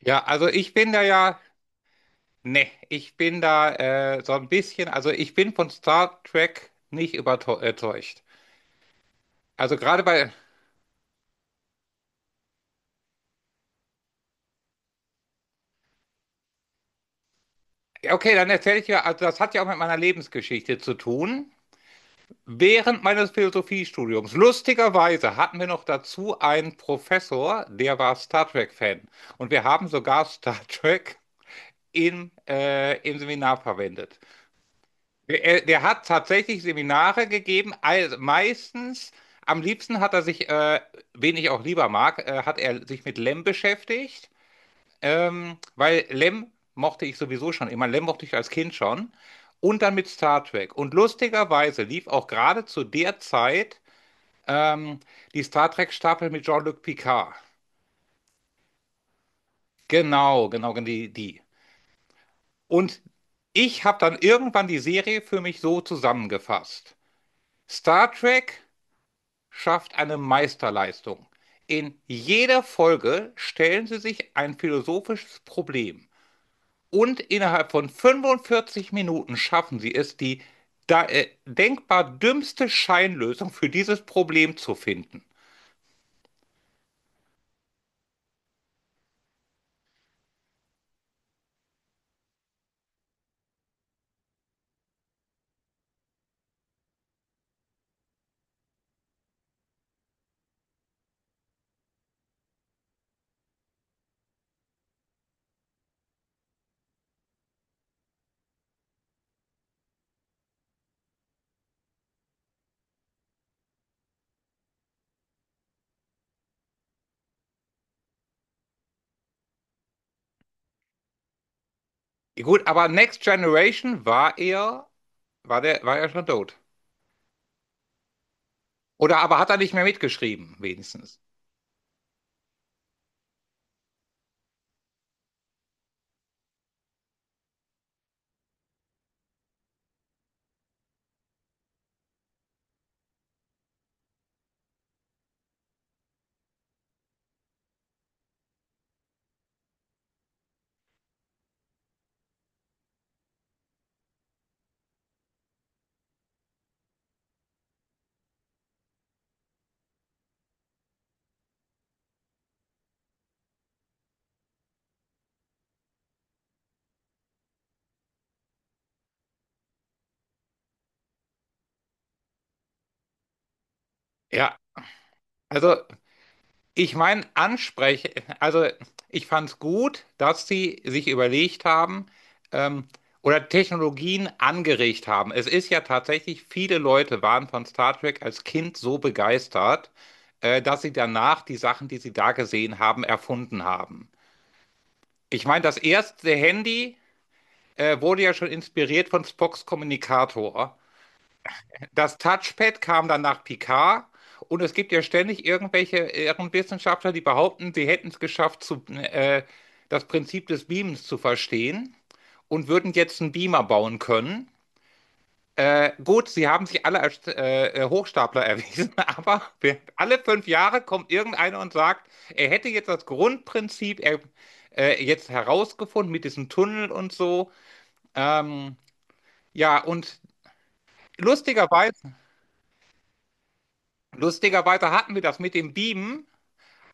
Ja, also ich bin da ja, ne, ich bin da so ein bisschen, also ich bin von Star Trek nicht überzeugt. Also gerade bei, ja, okay, dann erzähle ich dir, also das hat ja auch mit meiner Lebensgeschichte zu tun. Während meines Philosophiestudiums, lustigerweise, hatten wir noch dazu einen Professor, der war Star Trek-Fan. Und wir haben sogar Star Trek im Seminar verwendet. Der hat tatsächlich Seminare gegeben, also meistens, am liebsten hat er sich, wen ich auch lieber mag, hat er sich mit Lem beschäftigt, weil Lem mochte ich sowieso schon immer, Lem mochte ich als Kind schon, und dann mit Star Trek. Und lustigerweise lief auch gerade zu der Zeit ähm, die Star Trek-Staffel mit Jean-Luc Picard. Genau, genau, genau, die, die. Und ich habe dann irgendwann die Serie für mich so zusammengefasst. Star Trek schafft eine Meisterleistung. In jeder Folge stellen sie sich ein philosophisches Problem. Und innerhalb von 45 Minuten schaffen sie es, die denkbar dümmste Scheinlösung für dieses Problem zu finden. Gut, aber Next Generation war er, war der, war er schon tot. Oder aber hat er nicht mehr mitgeschrieben, wenigstens. Ja, also ich meine, anspreche, also ich fand es gut, dass sie sich überlegt haben ähm, oder Technologien angeregt haben. Es ist ja tatsächlich, viele Leute waren von Star Trek als Kind so begeistert, dass sie danach die Sachen, die sie da gesehen haben, erfunden haben. Ich meine, das erste Handy wurde ja schon inspiriert von Spocks Kommunikator. Das Touchpad kam dann nach Picard und es gibt ja ständig irgendwelche Ehrenwissenschaftler, die behaupten, sie hätten es geschafft, das Prinzip des Beamens zu verstehen und würden jetzt einen Beamer bauen können. Gut, sie haben sich alle als Hochstapler erwiesen, aber alle 5 Jahre kommt irgendeiner und sagt, er hätte jetzt das Grundprinzip er, jetzt herausgefunden mit diesem Tunnel und so. Ähm, ja, und lustigerweise, lustigerweise hatten wir das mit dem Beamen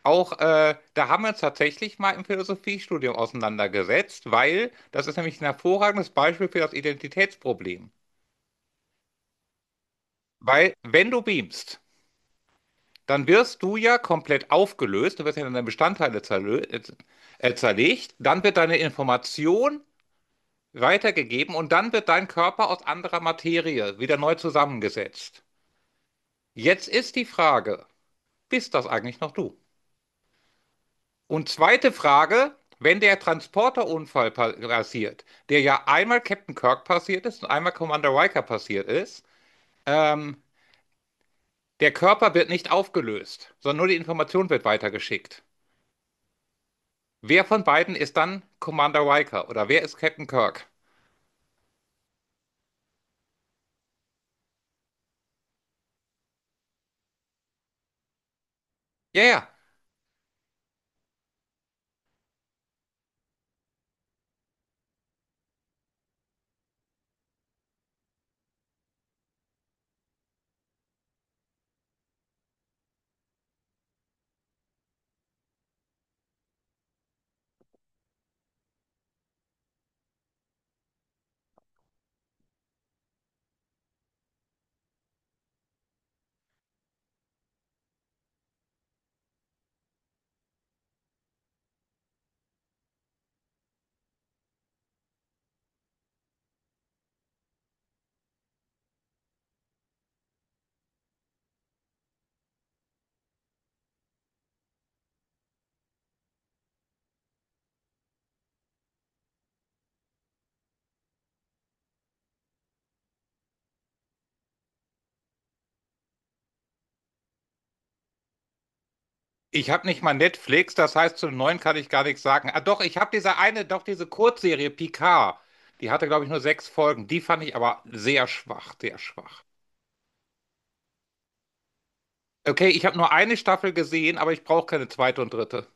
auch. Da haben wir uns tatsächlich mal im Philosophiestudium auseinandergesetzt, weil das ist nämlich ein hervorragendes Beispiel für das Identitätsproblem. Weil wenn du beamst, dann wirst du ja komplett aufgelöst, du wirst ja in deine Bestandteile zerlö- zerlegt, dann wird deine Information weitergegeben und dann wird dein Körper aus anderer Materie wieder neu zusammengesetzt. Jetzt ist die Frage, bist das eigentlich noch du? Und zweite Frage, wenn der Transporterunfall pa- passiert, der ja einmal Captain Kirk passiert ist und einmal Commander Riker passiert ist, ähm, der Körper wird nicht aufgelöst, sondern nur die Information wird weitergeschickt. Wer von beiden ist dann Commander Riker oder wer ist Captain Kirk? Ja, ja. Ich habe nicht mal Netflix, das heißt, zum Neuen kann ich gar nichts sagen. Ah, doch, ich habe diese eine, doch diese Kurzserie Picard. Die hatte, glaube ich, nur 6 Folgen. Die fand ich aber sehr schwach, sehr schwach. Okay, ich habe nur eine Staffel gesehen, aber ich brauche keine zweite und dritte.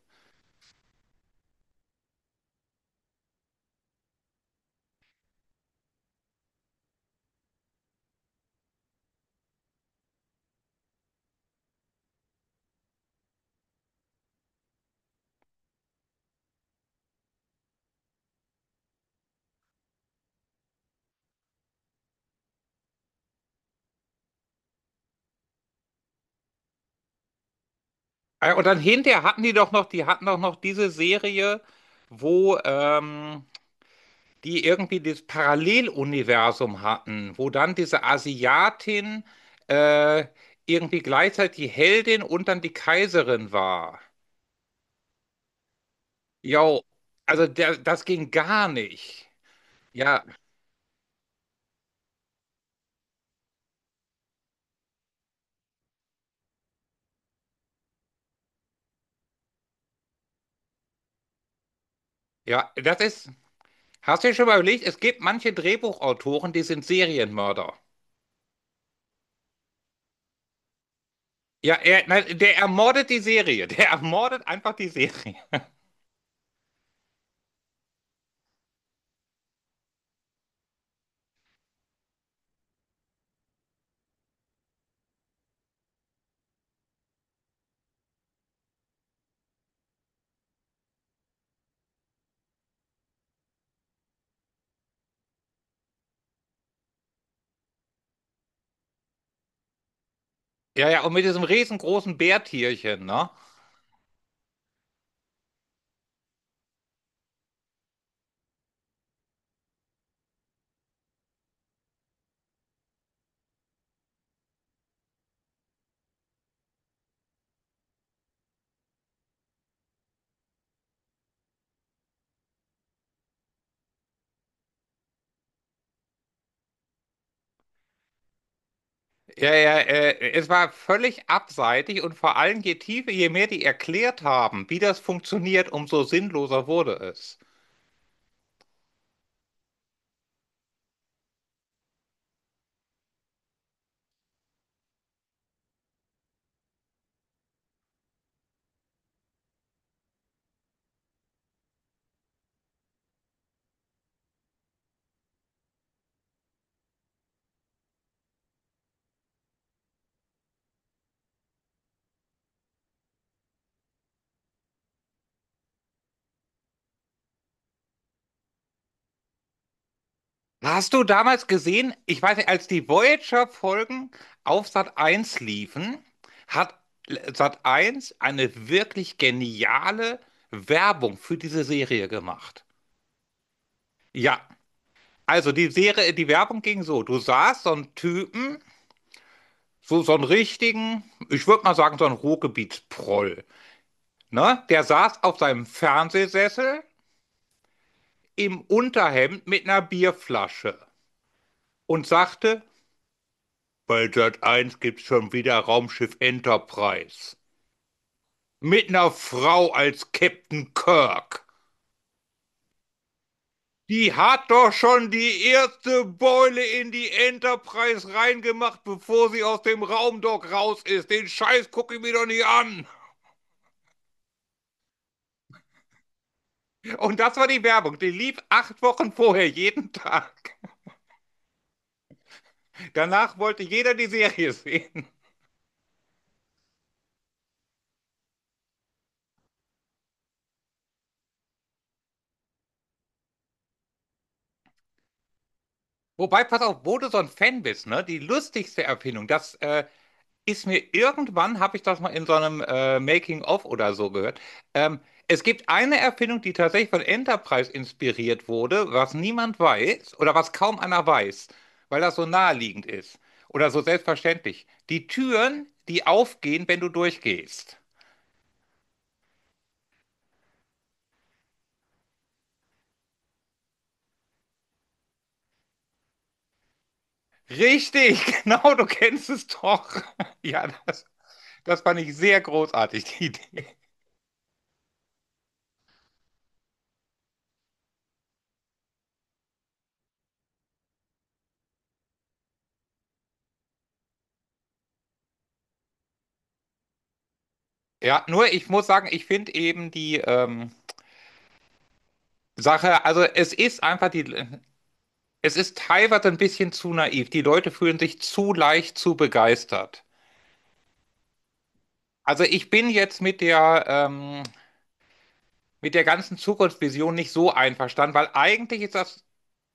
Und dann hinterher hatten die doch noch, die hatten doch noch diese Serie, wo die irgendwie dieses Paralleluniversum hatten, wo dann diese Asiatin äh, irgendwie gleichzeitig die Heldin und dann die Kaiserin war. Jo, also der, das ging gar nicht. Ja, ja, das ist. Hast du dir schon mal überlegt, es gibt manche Drehbuchautoren, die sind Serienmörder. Ja, er, nein, der ermordet die Serie. Der ermordet einfach die Serie. Ja, ja, und mit diesem riesengroßen Bärtierchen, ne? Ja, ja, es war völlig abseitig und vor allem je tiefer, je mehr die erklärt haben, wie das funktioniert, umso sinnloser wurde es. Hast du damals gesehen, ich weiß nicht, als die Voyager-Folgen auf Sat 1 liefen, hat Sat 1 eine wirklich geniale Werbung für diese Serie gemacht. Ja, also die Serie, die Werbung ging so, du sahst so einen Typen, so, so einen richtigen, ich würde mal sagen, so einen Ruhrgebietsproll, ne? Der saß auf seinem Fernsehsessel im Unterhemd mit einer Bierflasche und sagte, bei Sat 1 gibt's schon wieder Raumschiff Enterprise. Mit einer Frau als Captain Kirk. Die hat doch schon die erste Beule in die Enterprise reingemacht, bevor sie aus dem Raumdock raus ist. Den Scheiß gucke ich mir doch nicht an. Und das war die Werbung. Die lief 8 Wochen vorher, jeden Tag. Danach wollte jeder die Serie sehen. Wobei, pass auf, wo du so ein Fan bist, ne? Die lustigste Erfindung, das, ist mir irgendwann, habe ich das mal in so einem Making-of oder so gehört. Ähm, Es gibt eine Erfindung, die tatsächlich von Enterprise inspiriert wurde, was niemand weiß oder was kaum einer weiß, weil das so naheliegend ist oder so selbstverständlich. Die Türen, die aufgehen, wenn du durchgehst. Richtig, genau, du kennst es doch. Ja, das, das fand ich sehr großartig, die Idee. Ja, nur ich muss sagen, ich finde eben die Sache, also es ist einfach die, es ist teilweise ein bisschen zu naiv. Die Leute fühlen sich zu leicht zu begeistert. Also ich bin jetzt mit der ganzen Zukunftsvision nicht so einverstanden, weil eigentlich ist das,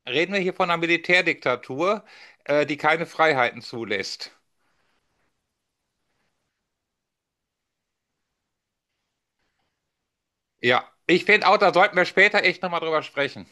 reden wir hier von einer Militärdiktatur, die keine Freiheiten zulässt. Ja, ich finde auch, da sollten wir später echt nochmal drüber sprechen.